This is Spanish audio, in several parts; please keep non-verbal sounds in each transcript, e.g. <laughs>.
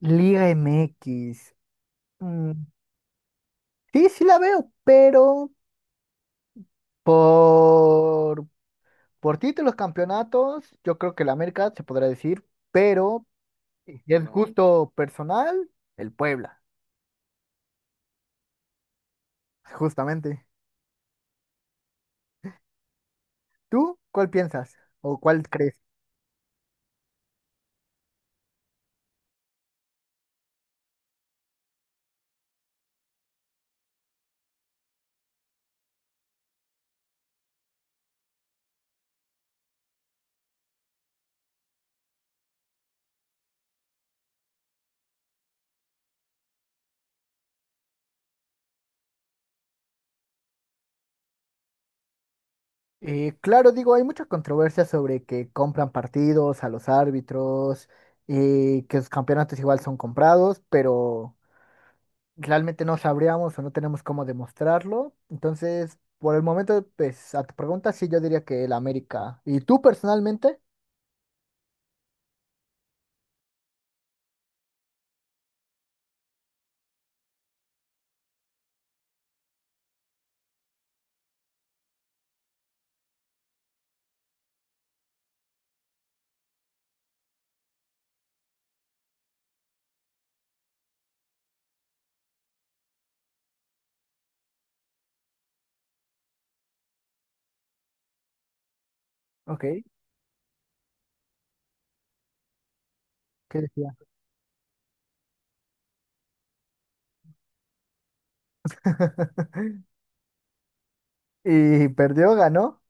Liga MX. mm, sí, sí la veo, pero por, por títulos, campeonatos, yo creo que la América se podrá decir, pero si es gusto personal, el Puebla, justamente. ¿Tú cuál piensas o cuál crees? Claro, digo, hay mucha controversia sobre que compran partidos a los árbitros, que los campeonatos igual son comprados, pero realmente no sabríamos o no tenemos cómo demostrarlo. Entonces, por el momento, pues a tu pregunta, sí, yo diría que el América. ¿Y tú personalmente? Ok, ¿qué decía? <laughs> ¿Y perdió, ganó?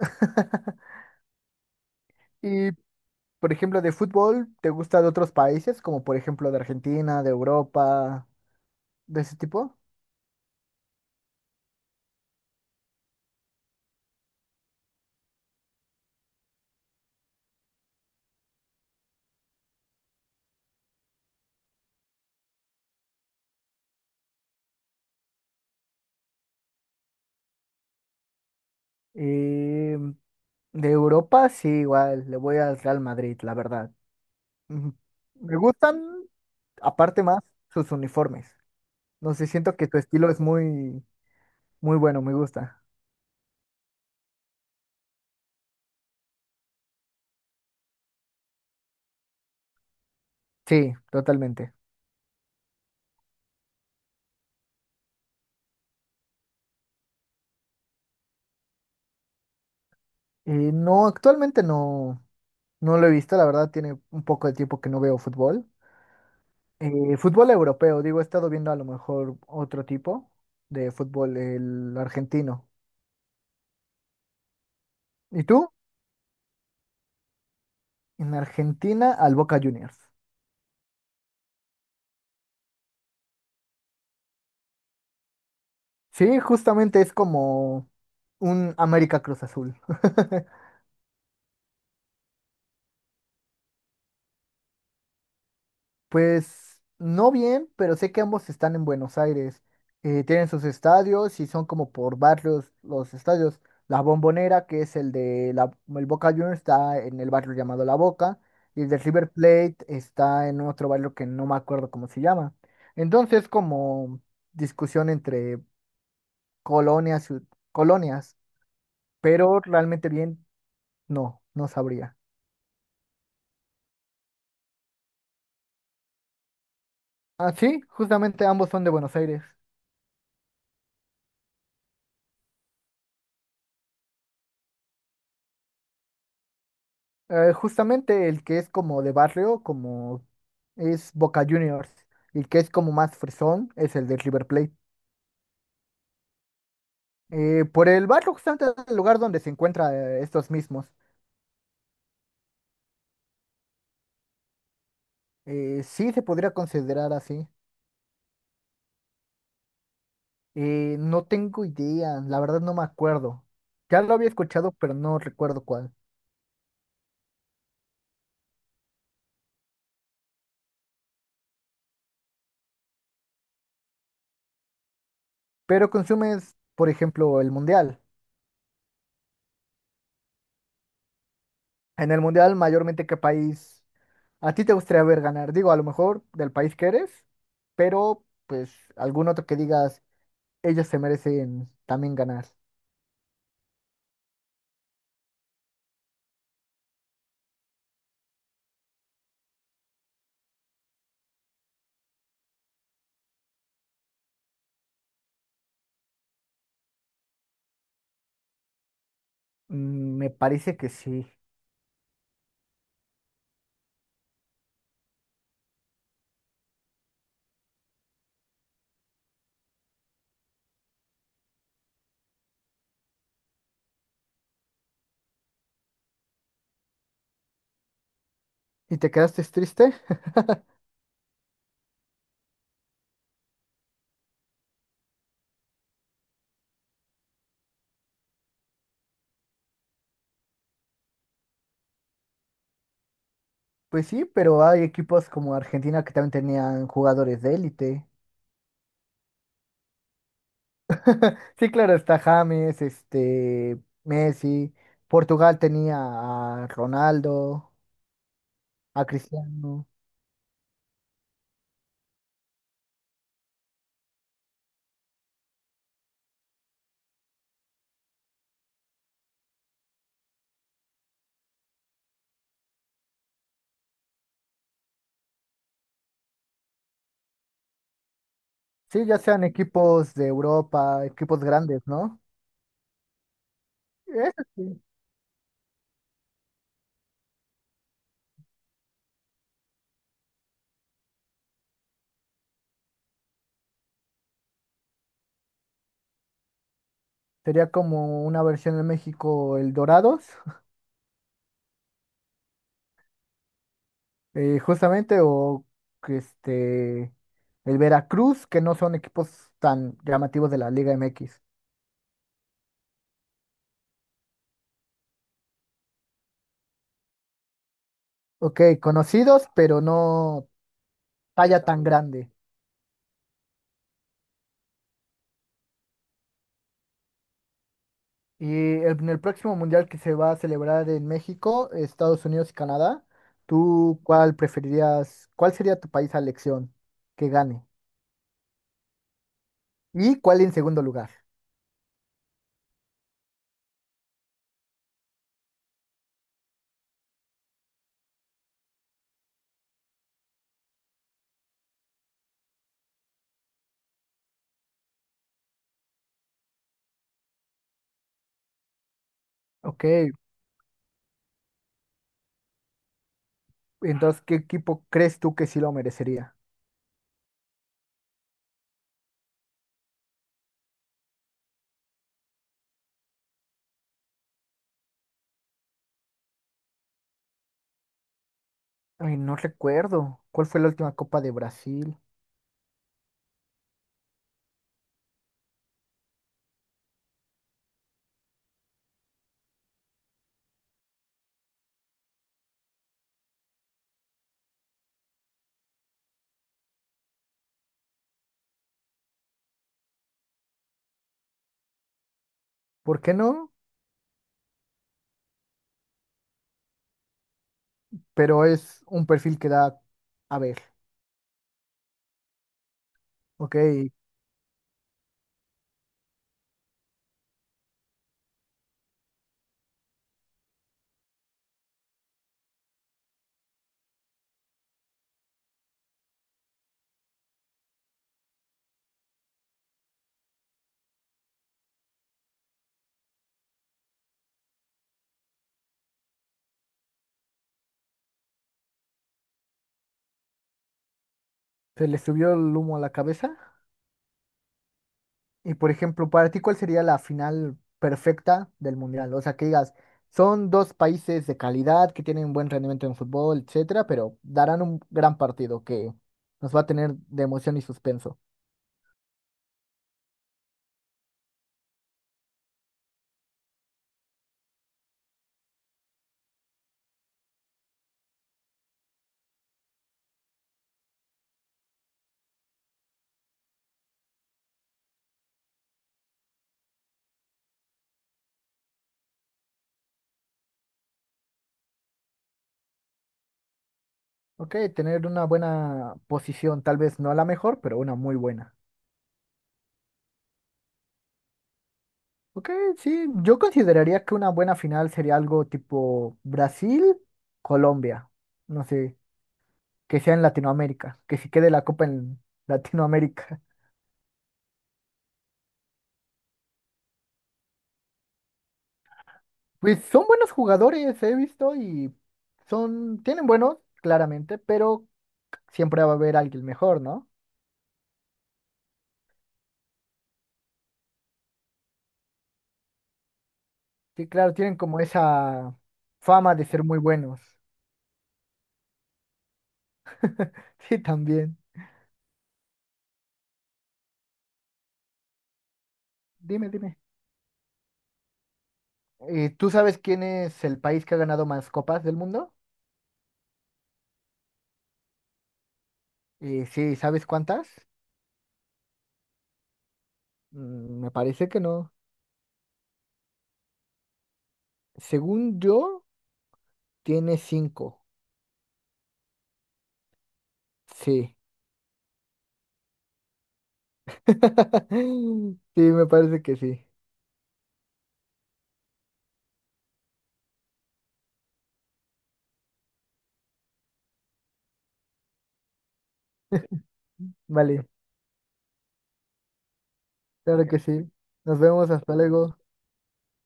<laughs> Y, por ejemplo, de fútbol, ¿te gusta de otros países, como por ejemplo de Argentina, de Europa, de ese tipo? Eh, de Europa, sí, igual, le voy al Real Madrid, la verdad. Ujú. Me gustan, aparte más, sus uniformes. No sé, siento que tu estilo es muy bueno, me gusta. Sí, totalmente. No, actualmente no, no lo he visto, la verdad tiene un poco de tiempo que no veo fútbol. Fútbol europeo, digo, he estado viendo a lo mejor otro tipo de fútbol, el argentino. ¿Y tú? En Argentina, al Boca Juniors. Sí, justamente es como un América Cruz Azul. <laughs> Pues no bien, pero sé que ambos están en Buenos Aires. Tienen sus estadios y son como por barrios los estadios. La Bombonera, que es el de el Boca Juniors, está en el barrio llamado La Boca. Y el de River Plate está en otro barrio que no me acuerdo cómo se llama. Entonces, como discusión entre colonias, y- colonias, pero realmente bien, no, no sabría. Ah, sí, justamente ambos son de Buenos Aires. Justamente el que es como de barrio, como es Boca Juniors, y el que es como más fresón es el de River Plate. Por el barrio, justamente el lugar donde se encuentran estos mismos, sí se podría considerar así. No tengo idea, la verdad no me acuerdo. Ya lo había escuchado, pero no recuerdo cuál. Pero consumes, por ejemplo, el mundial. En el mundial, mayormente, ¿qué país? ¿A ti te gustaría ver ganar? Digo, a lo mejor del país que eres, pero pues algún otro que digas, ellos se merecen también ganar. Mm, me parece que sí. ¿Y te quedaste triste? <laughs> Pues sí, pero hay equipos como Argentina que también tenían jugadores de élite. Sí, claro, está James, este, Messi. Portugal tenía a Ronaldo, a Cristiano. Sí, ya sean equipos de Europa, equipos grandes, ¿no? Eso sí. Sería como una versión de México, el Dorados, <laughs> justamente, o que este, el Veracruz, que no son equipos tan llamativos de la Liga MX. Ok, conocidos, pero no talla tan grande. Y en el próximo mundial que se va a celebrar en México, Estados Unidos y Canadá, ¿tú cuál preferirías, cuál sería tu país a elección que gane? ¿Y cuál en segundo lugar? Ok, entonces, ¿qué equipo crees tú que sí lo merecería? Ay, no recuerdo cuál fue la última Copa de Brasil. ¿Por qué no? Pero es un perfil que da a ver. Ok, se le subió el humo a la cabeza. Y por ejemplo, para ti, ¿cuál sería la final perfecta del Mundial? O sea, que digas, son dos países de calidad que tienen buen rendimiento en fútbol, etcétera, pero darán un gran partido que nos va a tener de emoción y suspenso. Ok, tener una buena posición, tal vez no la mejor, pero una muy buena. Ok, sí, yo consideraría que una buena final sería algo tipo Brasil-Colombia, no sé, que sea en Latinoamérica, que si quede la copa en Latinoamérica. <laughs> Pues son buenos jugadores, he visto, y son, tienen buenos, claramente, pero siempre va a haber alguien mejor, ¿no? Sí, claro, tienen como esa fama de ser muy buenos. <laughs> Sí, también. Dime, dime. ¿Tú sabes quién es el país que ha ganado más copas del mundo? Sí, ¿sabes cuántas? Mm, me parece que no. Según yo, tiene 5. Sí. <laughs> Sí, me parece que sí. Vale, claro que sí. Nos vemos, hasta luego.